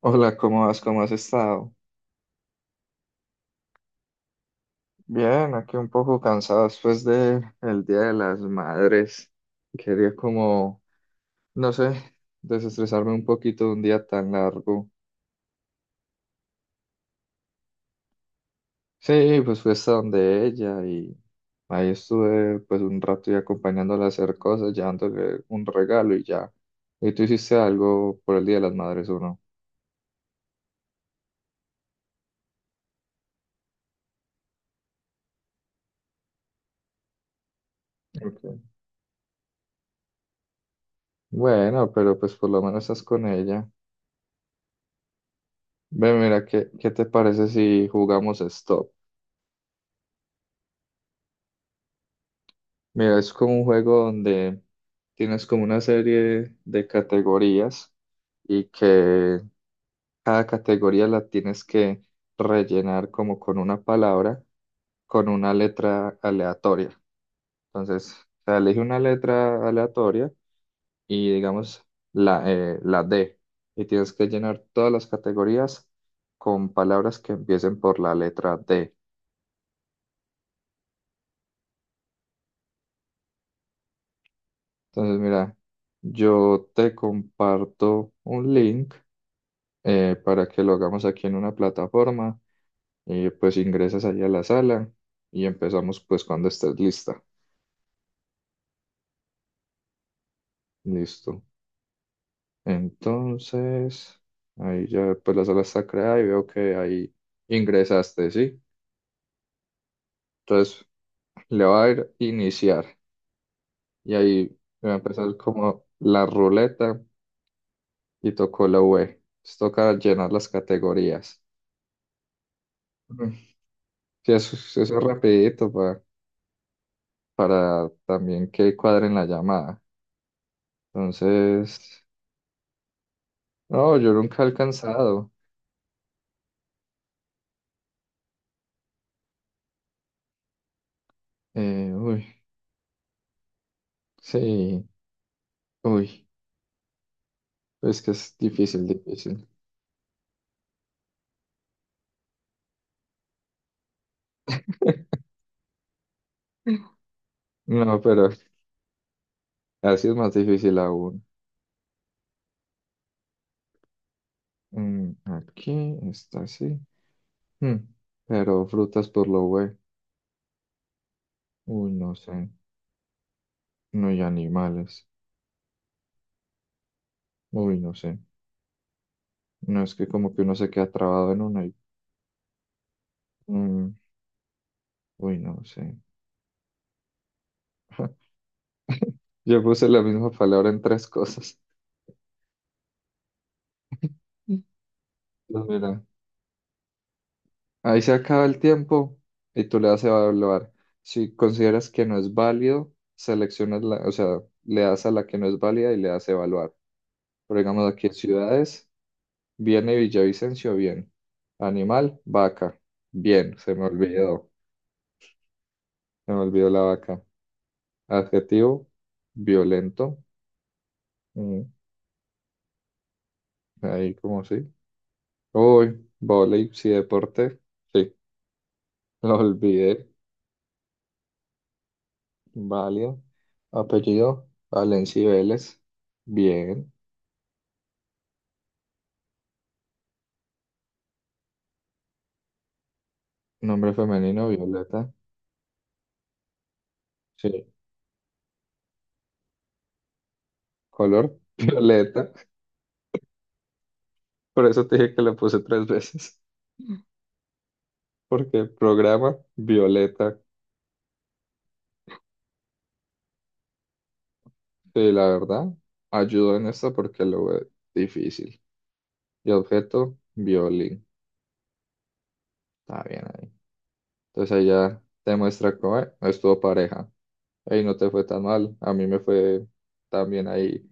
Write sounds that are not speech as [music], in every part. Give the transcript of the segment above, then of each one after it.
Hola, ¿cómo vas? ¿Cómo has estado? Bien, aquí un poco cansado después de el Día de las Madres. Quería como, no sé, desestresarme un poquito de un día tan largo. Sí, pues fui hasta donde ella y ahí estuve pues un rato y acompañándola a hacer cosas, llevándole un regalo y ya. ¿Y tú hiciste algo por el Día de las Madres o no? Ok. Bueno, pero pues por lo menos estás con ella. Ve, mira, ¿qué te parece si jugamos stop? Mira, es como un juego donde tienes como una serie de categorías y que cada categoría la tienes que rellenar como con una palabra, con una letra aleatoria. Entonces, o sea, elige una letra aleatoria y digamos la D y tienes que llenar todas las categorías con palabras que empiecen por la letra D. Entonces, mira, yo te comparto un link para que lo hagamos aquí en una plataforma y pues ingresas ahí a la sala y empezamos pues cuando estés lista. Listo. Entonces, ahí ya pues la sala está creada y veo que ahí ingresaste, ¿sí? Entonces le va a ir iniciar y ahí va a empezar como la ruleta y tocó la V. Entonces, toca llenar las categorías. Ujú. Sí, eso es rapidito para también que cuadren la llamada. Entonces, no, yo nunca he alcanzado. Uy, sí, uy, es que es difícil, difícil. [laughs] No, pero así es más difícil aún. Aquí está así. Mm, pero frutas por lo güey. Uy, no sé. No, y animales. Uy, no sé. No es que como que uno se queda trabado en una y... mm, uy, no sé. Yo puse la misma palabra en tres cosas. Mm. Pues mira. Ahí se acaba el tiempo y tú le das a evaluar. Si consideras que no es válido, seleccionas la, o sea, le das a la que no es válida y le das a evaluar. Pero digamos aquí ciudades, viene Villavicencio, bien. Animal, vaca, bien. Se me olvidó la vaca. Adjetivo, violento. Mm, Ahí como sí. Uy, vóley, sí, deporte. Sí, [laughs] lo olvidé. Válido. Apellido, Valencia y Vélez. Bien. Nombre femenino, Violeta. Sí. Color, [laughs] Violeta. Por eso te dije que la puse tres veces. Porque programa, Violeta. Sí, la verdad, ayudó en esto porque lo ve difícil. Y objeto, violín. Está bien ahí. Entonces ahí ya te muestra cómo es. No estuvo pareja. Ahí no te fue tan mal. A mí me fue también ahí.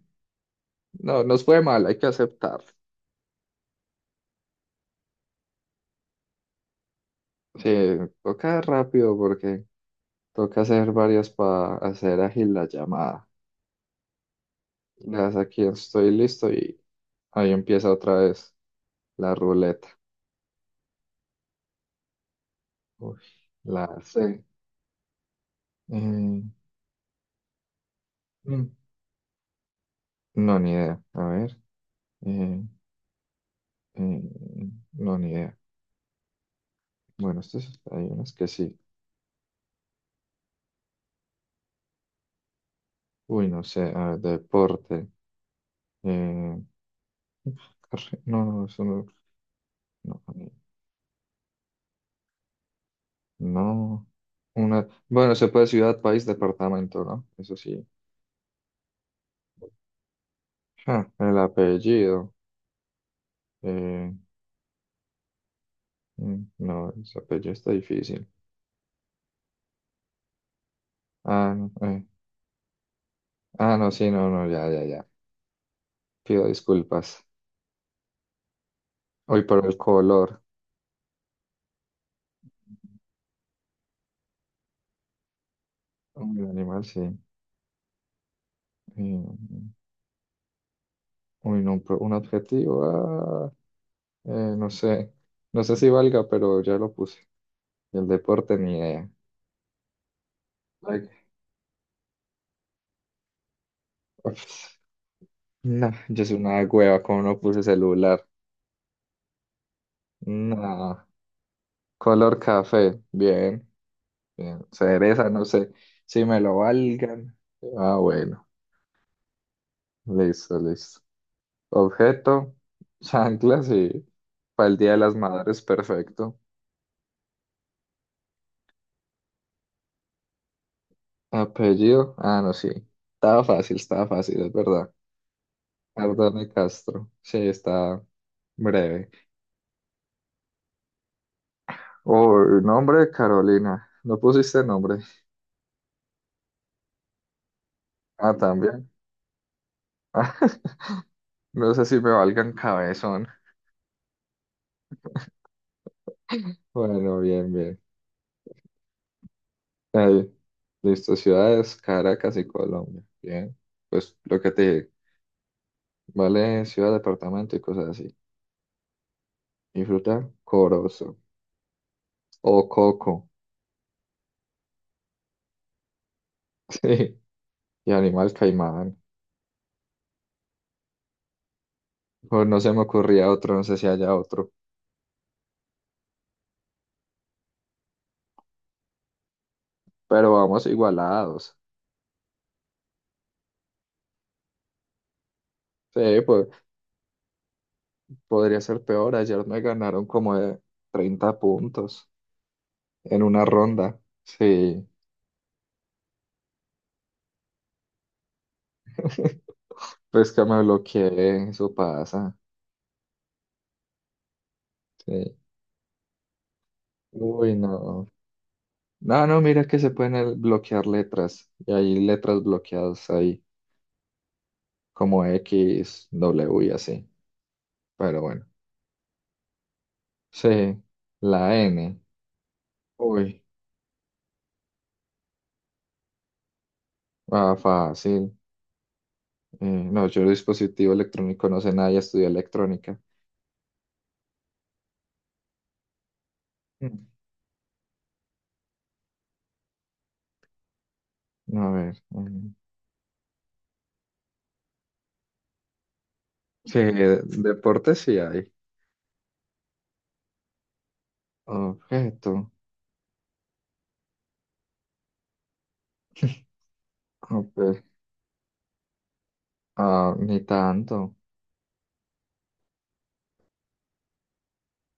No, nos fue mal, hay que aceptar. Sí, toca rápido porque toca hacer varias para hacer ágil la llamada. Das aquí estoy listo y ahí empieza otra vez la ruleta. Uy, la C. Eh, mm, no, ni idea. A ver. eh, eh, no, ni idea. Bueno, estos hay unas que sí. Uy, no sé. A ver, deporte. eh, no, no, eso no. No. No. Una, bueno, se puede ciudad, país, departamento, ¿no? Eso sí. Ja, el apellido. eh, no, ese apellido está difícil. Ah, no. Ah, no, sí, no, no, ya, ya, ya. Pido disculpas. Hoy por el color. Uy, animal, sí. Eh, Uy, no, pero un adjetivo. No sé. No sé si valga, pero ya lo puse. Y el deporte, ni idea. Like, ups, no, yo soy una hueva, como no puse celular. No. Color café, bien, bien. Cereza, no sé. Si me lo valgan. Ah, bueno. Listo, listo. Objeto, chanclas y para el Día de las Madres, perfecto. Apellido, ah, no, sí. Estaba fácil, es verdad. Ardane Castro, sí, está breve. O nombre, Carolina. No pusiste nombre. Ah, también. Ah, [laughs] no sé si me valgan cabezón. Bueno, bien, bien. Ahí. Listo, ciudades, Caracas y Colombia. Bien. Pues lo que te dije, vale ciudad, departamento y cosas así. Y fruta, corozo. O coco. [laughs] Sí. Y animal, caimán. O no se me ocurría otro, no sé si haya otro. Pero vamos igualados. Sí, pues podría ser peor. Ayer me ganaron como de 30 puntos en una ronda. Sí, [laughs] pues que me bloqueé, eso pasa. Sí. Uy, no. No, no, mira que se pueden bloquear letras. Y hay letras bloqueadas ahí, como X, W y así. Pero bueno. Sí, la N. Uy, ah, fácil. Eh, no, yo de dispositivo electrónico no sé nada, ya estudié electrónica. Mm. A ver. Sí, deporte sí hay. Objeto. [laughs] Ope- Ah, ni tanto.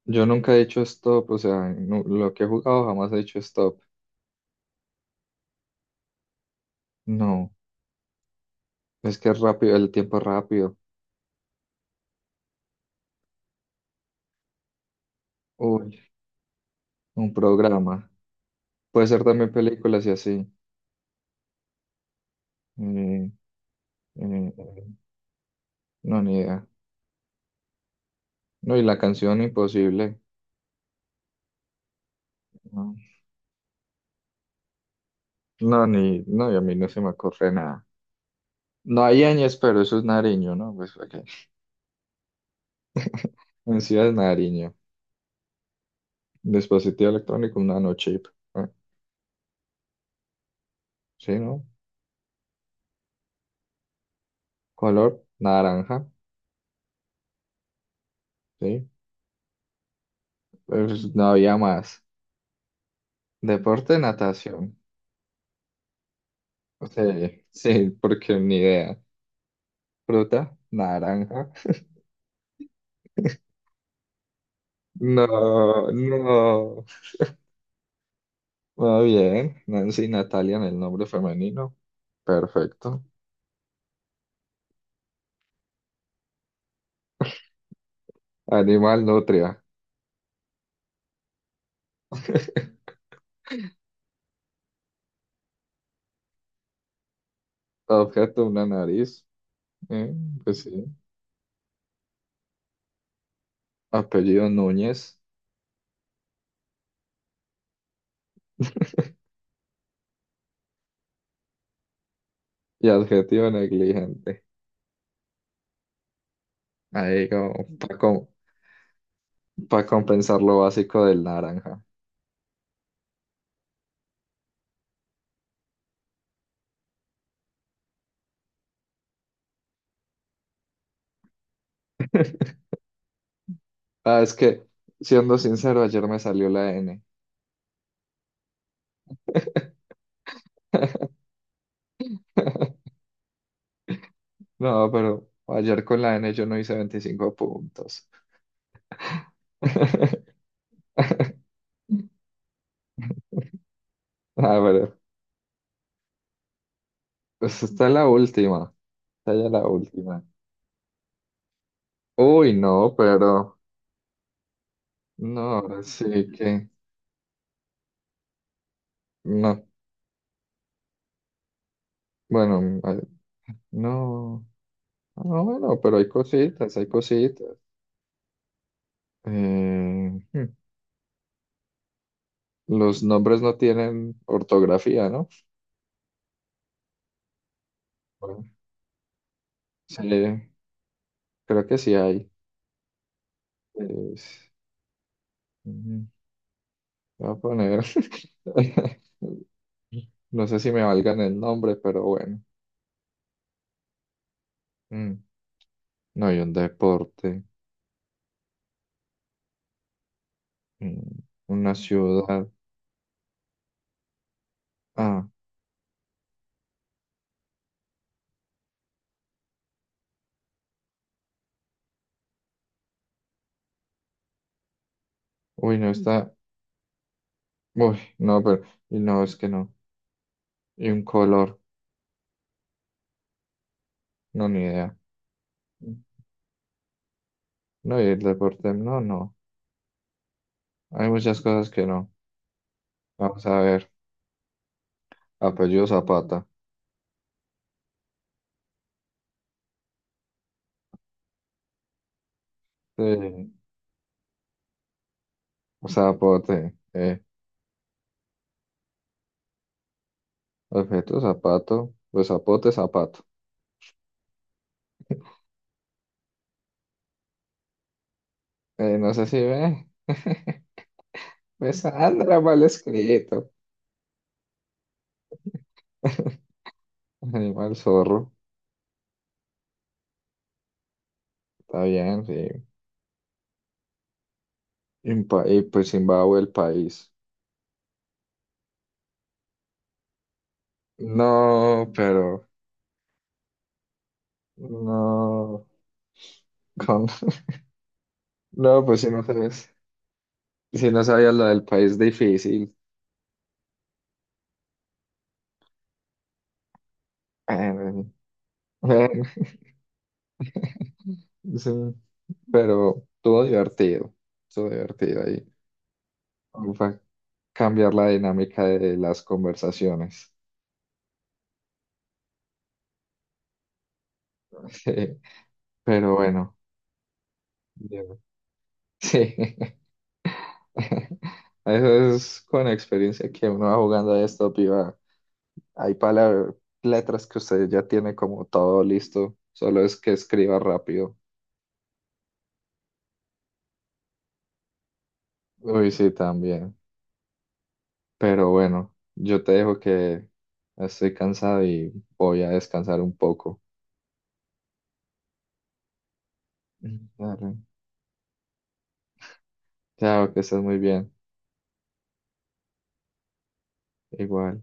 Yo nunca he dicho stop, o sea, lo que he jugado jamás he dicho stop. No, es que es rápido, el tiempo es rápido. Uy, un programa. Puede ser también películas y así. Mm, mm, no, ni idea. No, y la canción imposible. No, no, ni, no, y a mí no se me ocurre nada. No hay ñes, pero eso es Nariño, ¿no? Pues ok. En sí es Nariño. Dispositivo electrónico, un nanochip. Ah, sí, ¿no? Color, naranja. Sí. Pues no había más. Deporte, natación. Sí, [laughs] sí, porque ni idea. Fruta, naranja. No, no. Muy bien. Nancy Natalia en el nombre femenino. Perfecto. Animal, nutria. Objeto, una nariz. Eh, pues sí. Apellido, Núñez. Y adjetivo, negligente. Ahí como para compensar lo básico del naranja. [laughs] Ah, es que, siendo sincero, ayer me salió la N. [laughs] No, pero ayer con la N yo no hice 25 puntos. [laughs] A ver, pues está la última. Está ya la última. Uy, no, pero no, ahora sí que no. Bueno, no. No, bueno, pero hay cositas, hay cositas. Eh, hmm, los nombres no tienen ortografía, ¿no? Bueno, sí, creo que sí hay. Es- mm, Voy a poner. [laughs] No sé si me valgan el nombre, pero bueno. Mm, No hay un deporte, mm, una ciudad. Ah, uy, no está. Uy, no, pero. Y no, es que no. Y un color, no, ni idea. No, y el deporte, no, no. Hay muchas cosas que no. Vamos a ver. Apellido Zapata. Sí. Zapote. Objeto Zapato. Pues Zapote, Zapato. No sé si ve. [laughs] Pues Sandra, mal escrito. [laughs] Animal zorro. Está bien, sí. Y pues Zimbabue, el país. No, pero. No. Con- [laughs] No, pues si no sabes. Si no sabías lo del país difícil. [laughs] Bueno, bueno, sí. Pero estuvo divertido. Estuvo divertido ahí. Va a cambiar la dinámica de las conversaciones. [laughs] Sí, pero bueno, bien. Sí. [laughs] Eso es con experiencia que uno va jugando a esto, piba. Hay palabras, letras que usted ya tiene como todo listo, solo es que escriba rápido. Uy, sí, también. Pero bueno, yo te dejo que estoy cansado y voy a descansar un poco. [laughs] Mm. Dale. Chao, que estés muy bien. Igual.